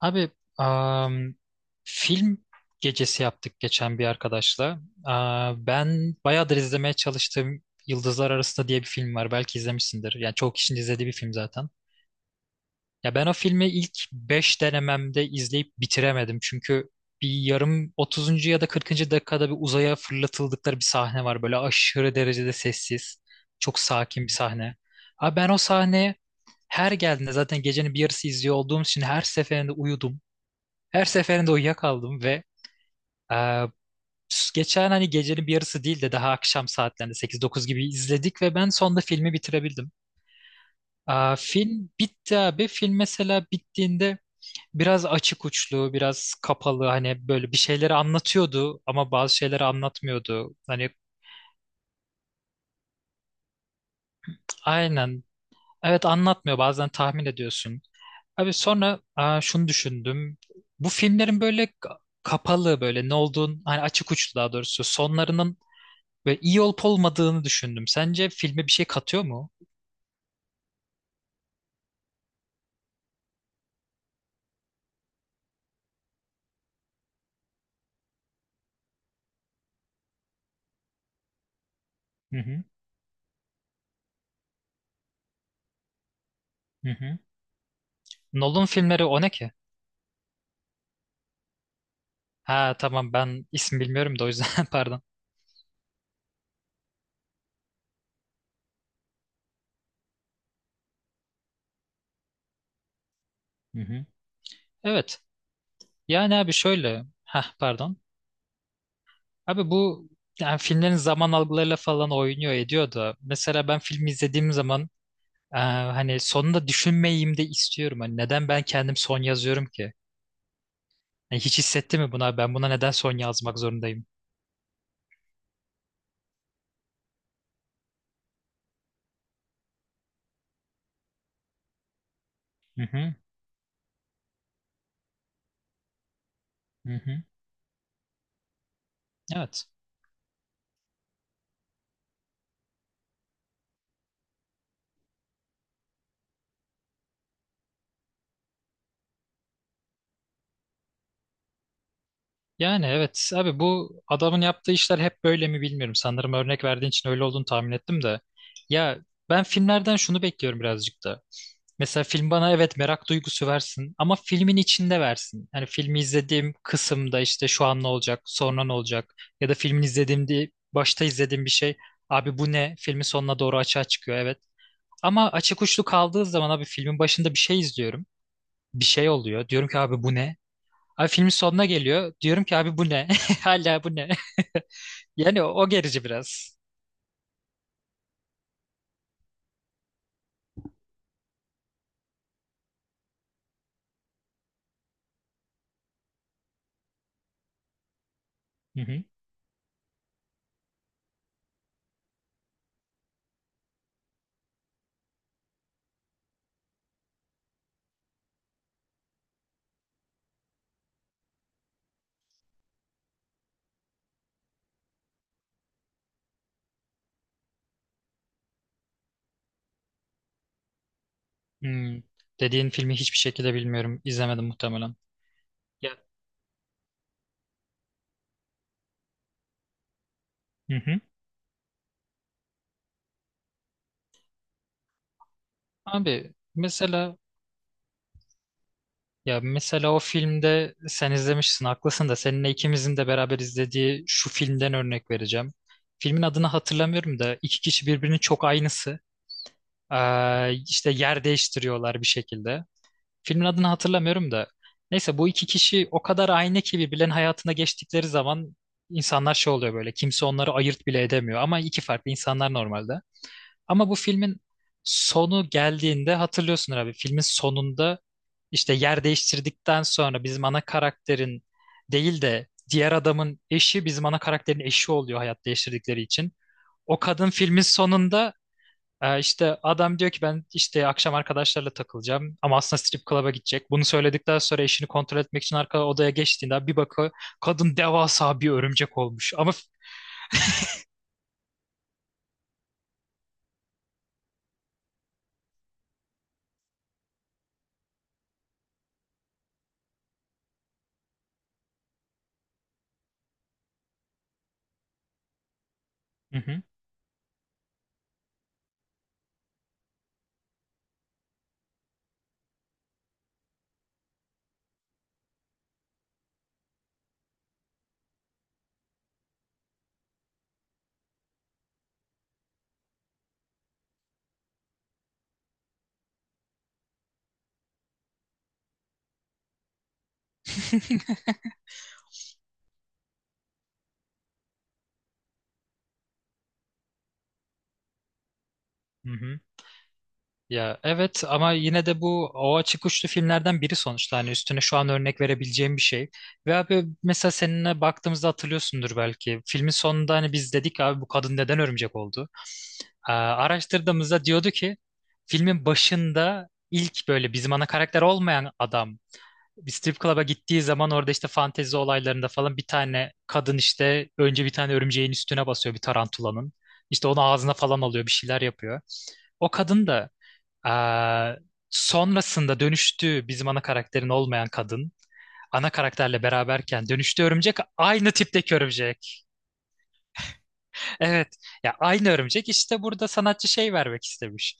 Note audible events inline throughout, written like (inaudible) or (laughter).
Abi am, film gecesi yaptık geçen bir arkadaşla. Aa, ben bayağıdır izlemeye çalıştığım Yıldızlar Arasında diye bir film var. Belki izlemişsindir. Yani çoğu kişinin izlediği bir film zaten. Ya ben o filmi ilk 5 denememde izleyip bitiremedim. Çünkü bir yarım 30. ya da 40. dakikada bir uzaya fırlatıldıkları bir sahne var. Böyle aşırı derecede sessiz. Çok sakin bir sahne. Abi ben o sahne her geldiğinde zaten gecenin bir yarısı izliyor olduğum için her seferinde uyudum. Her seferinde uyuyakaldım ve e, geçen hani gecenin bir yarısı değil de daha akşam saatlerinde 8-9 gibi izledik ve ben sonunda filmi bitirebildim. E, film bitti abi. Film mesela bittiğinde biraz açık uçlu, biraz kapalı hani böyle bir şeyleri anlatıyordu ama bazı şeyleri anlatmıyordu. Hani aynen evet anlatmıyor bazen tahmin ediyorsun. Abi sonra şunu düşündüm. Bu filmlerin böyle kapalı böyle ne olduğunu hani açık uçlu daha doğrusu sonlarının ve iyi olup olmadığını düşündüm. Sence filme bir şey katıyor mu? Hı hı. Hı hı. Nolan filmleri o ne ki? Ha tamam ben isim bilmiyorum da o yüzden (laughs) pardon. Hı hı. Evet. Yani abi şöyle. Ha pardon. Abi bu yani filmlerin zaman algılarıyla falan oynuyor ediyor da. Mesela ben filmi izlediğim zaman hani sonunda düşünmeyeyim de istiyorum. Hani neden ben kendim son yazıyorum ki? Yani hiç hissetti mi buna? Ben buna neden son yazmak zorundayım? Hı hı. Hı hı. Evet. Yani evet abi bu adamın yaptığı işler hep böyle mi bilmiyorum. Sanırım örnek verdiğin için öyle olduğunu tahmin ettim de. Ya ben filmlerden şunu bekliyorum birazcık da. Mesela film bana evet merak duygusu versin ama filmin içinde versin. Yani filmi izlediğim kısımda işte şu an ne olacak, sonra ne olacak ya da filmin izlediğimde başta izlediğim bir şey abi bu ne? Filmin sonuna doğru açığa çıkıyor evet. Ama açık uçlu kaldığı zaman abi filmin başında bir şey izliyorum. Bir şey oluyor. Diyorum ki abi bu ne? Abi filmin sonuna geliyor. Diyorum ki abi bu ne? (laughs) Hala bu ne? (laughs) Yani o, o gerici biraz. Hı hı. Hmm. Dediğin filmi hiçbir şekilde bilmiyorum. İzlemedim muhtemelen. Ya. Hı hı. Abi mesela ya mesela o filmde sen izlemişsin haklısın da seninle ikimizin de beraber izlediği şu filmden örnek vereceğim. Filmin adını hatırlamıyorum da iki kişi birbirinin çok aynısı. İşte yer değiştiriyorlar bir şekilde. Filmin adını hatırlamıyorum da. Neyse bu iki kişi o kadar aynı ki birbirlerinin hayatına geçtikleri zaman insanlar şey oluyor böyle. Kimse onları ayırt bile edemiyor ama iki farklı insanlar normalde. Ama bu filmin sonu geldiğinde hatırlıyorsun abi. Filmin sonunda işte yer değiştirdikten sonra bizim ana karakterin değil de diğer adamın eşi bizim ana karakterin eşi oluyor hayat değiştirdikleri için. O kadın filmin sonunda işte adam diyor ki ben işte akşam arkadaşlarla takılacağım ama aslında strip club'a gidecek. Bunu söyledikten sonra eşini kontrol etmek için arka odaya geçtiğinde bir bakıyor kadın devasa bir örümcek olmuş. Ama hı hı, hı hı. Ya evet ama yine de bu o açık uçlu filmlerden biri sonuçta hani üstüne şu an örnek verebileceğim bir şey. Ve abi mesela seninle baktığımızda hatırlıyorsundur belki. Filmin sonunda hani biz dedik abi bu kadın neden örümcek oldu? Aa, araştırdığımızda diyordu ki filmin başında ilk böyle bizim ana karakter olmayan adam bir strip club'a gittiği zaman orada işte fantezi olaylarında falan bir tane kadın işte önce bir tane örümceğin üstüne basıyor bir tarantulanın. İşte onu ağzına falan alıyor bir şeyler yapıyor. O kadın da ee, sonrasında dönüştüğü bizim ana karakterin olmayan kadın ana karakterle beraberken dönüştüğü örümcek aynı tipteki örümcek. Evet ya aynı örümcek işte burada sanatçı şey vermek istemiş.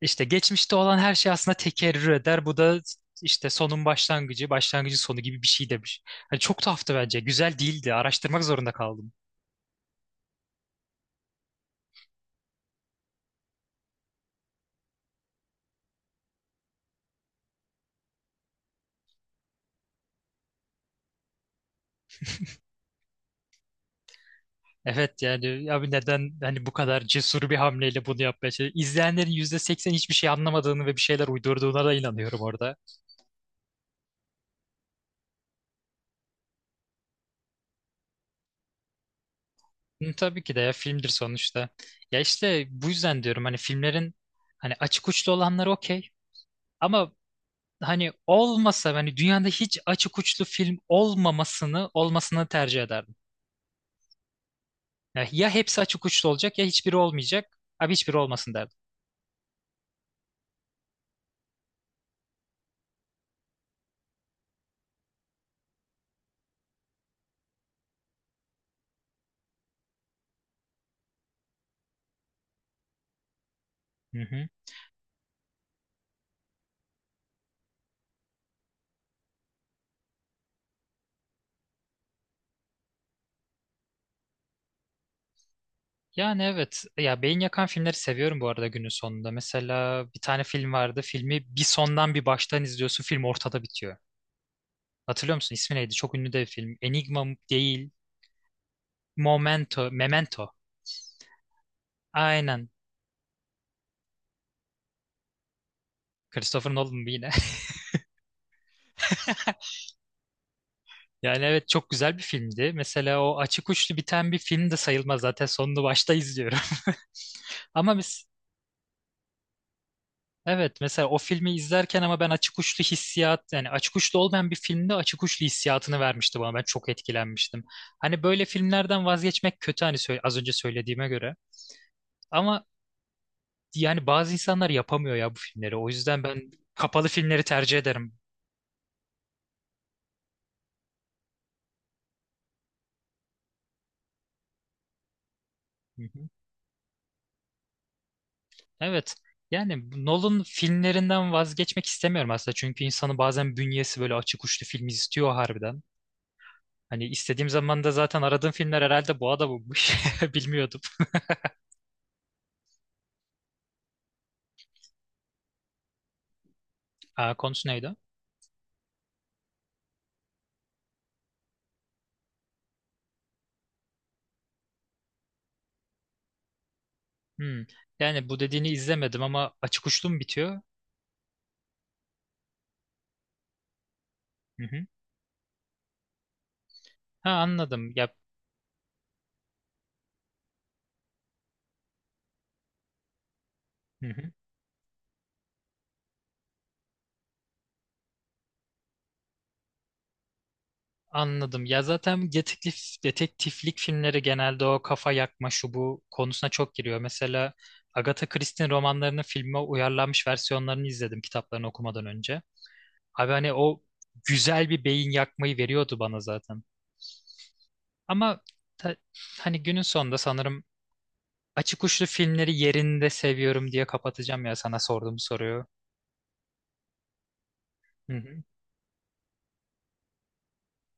İşte geçmişte olan her şey aslında tekerrür eder. Bu da işte sonun başlangıcı, başlangıcın sonu gibi bir şey demiş. Hani çok tuhaftı bence. Güzel değildi. Araştırmak zorunda kaldım. Evet yani abi neden hani bu kadar cesur bir hamleyle bunu yapmaya çalışıyor? İzleyenlerin %80 hiçbir şey anlamadığını ve bir şeyler uydurduğuna da inanıyorum orada. Hı, tabii ki de ya filmdir sonuçta. Ya işte bu yüzden diyorum hani filmlerin hani açık uçlu olanları okey ama hani olmasa hani dünyada hiç açık uçlu film olmamasını tercih ederdim. Ya, ya hepsi açık uçlu olacak ya hiçbiri olmayacak. Abi hiçbiri olmasın derdim. Hı hı. Yani evet. Ya beyin yakan filmleri seviyorum bu arada günün sonunda. Mesela bir tane film vardı. Filmi bir sondan bir baştan izliyorsun. Film ortada bitiyor. Hatırlıyor musun? İsmi neydi? Çok ünlü de bir film. Enigma mı- değil. Momento. Memento. Aynen. Christopher Nolan yine. (laughs) Yani evet çok güzel bir filmdi. Mesela o açık uçlu biten bir film de sayılmaz. Zaten sonunu başta izliyorum. (laughs) Ama biz evet mesela o filmi izlerken ama ben açık uçlu hissiyat yani açık uçlu olmayan bir filmde açık uçlu hissiyatını vermişti bana. Ben çok etkilenmiştim. Hani böyle filmlerden vazgeçmek kötü hani az önce söylediğime göre. Ama yani bazı insanlar yapamıyor ya bu filmleri. O yüzden ben kapalı filmleri tercih ederim. Hı hı. Evet. Yani bu Nolan filmlerinden vazgeçmek istemiyorum aslında. Çünkü insanın bazen bünyesi böyle açık uçlu film istiyor harbiden. Hani istediğim zaman da zaten aradığım filmler herhalde bu adammış. (laughs) Bilmiyordum. Aa, konusu neydi? Hmm. Yani bu dediğini izlemedim ama açık uçlu mu bitiyor? Hı hı. Ha anladım. Ya, hı hı. Anladım. Ya zaten detektif, detektiflik filmleri genelde o kafa yakma şu bu konusuna çok giriyor. Mesela Agatha Christie'nin romanlarının filme uyarlanmış versiyonlarını izledim kitaplarını okumadan önce. Abi hani o güzel bir beyin yakmayı veriyordu bana zaten. Ama ta- hani günün sonunda sanırım açık uçlu filmleri yerinde seviyorum diye kapatacağım ya sana sorduğum soruyu. Hı hı.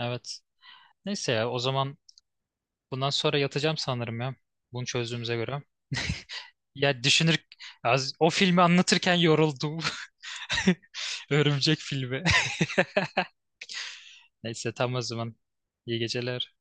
Evet. Neyse ya o zaman bundan sonra yatacağım sanırım ya. Bunu çözdüğümüze göre. Ya düşünür o filmi anlatırken yoruldum. (laughs) Örümcek filmi. (laughs) Neyse tam o zaman. İyi geceler.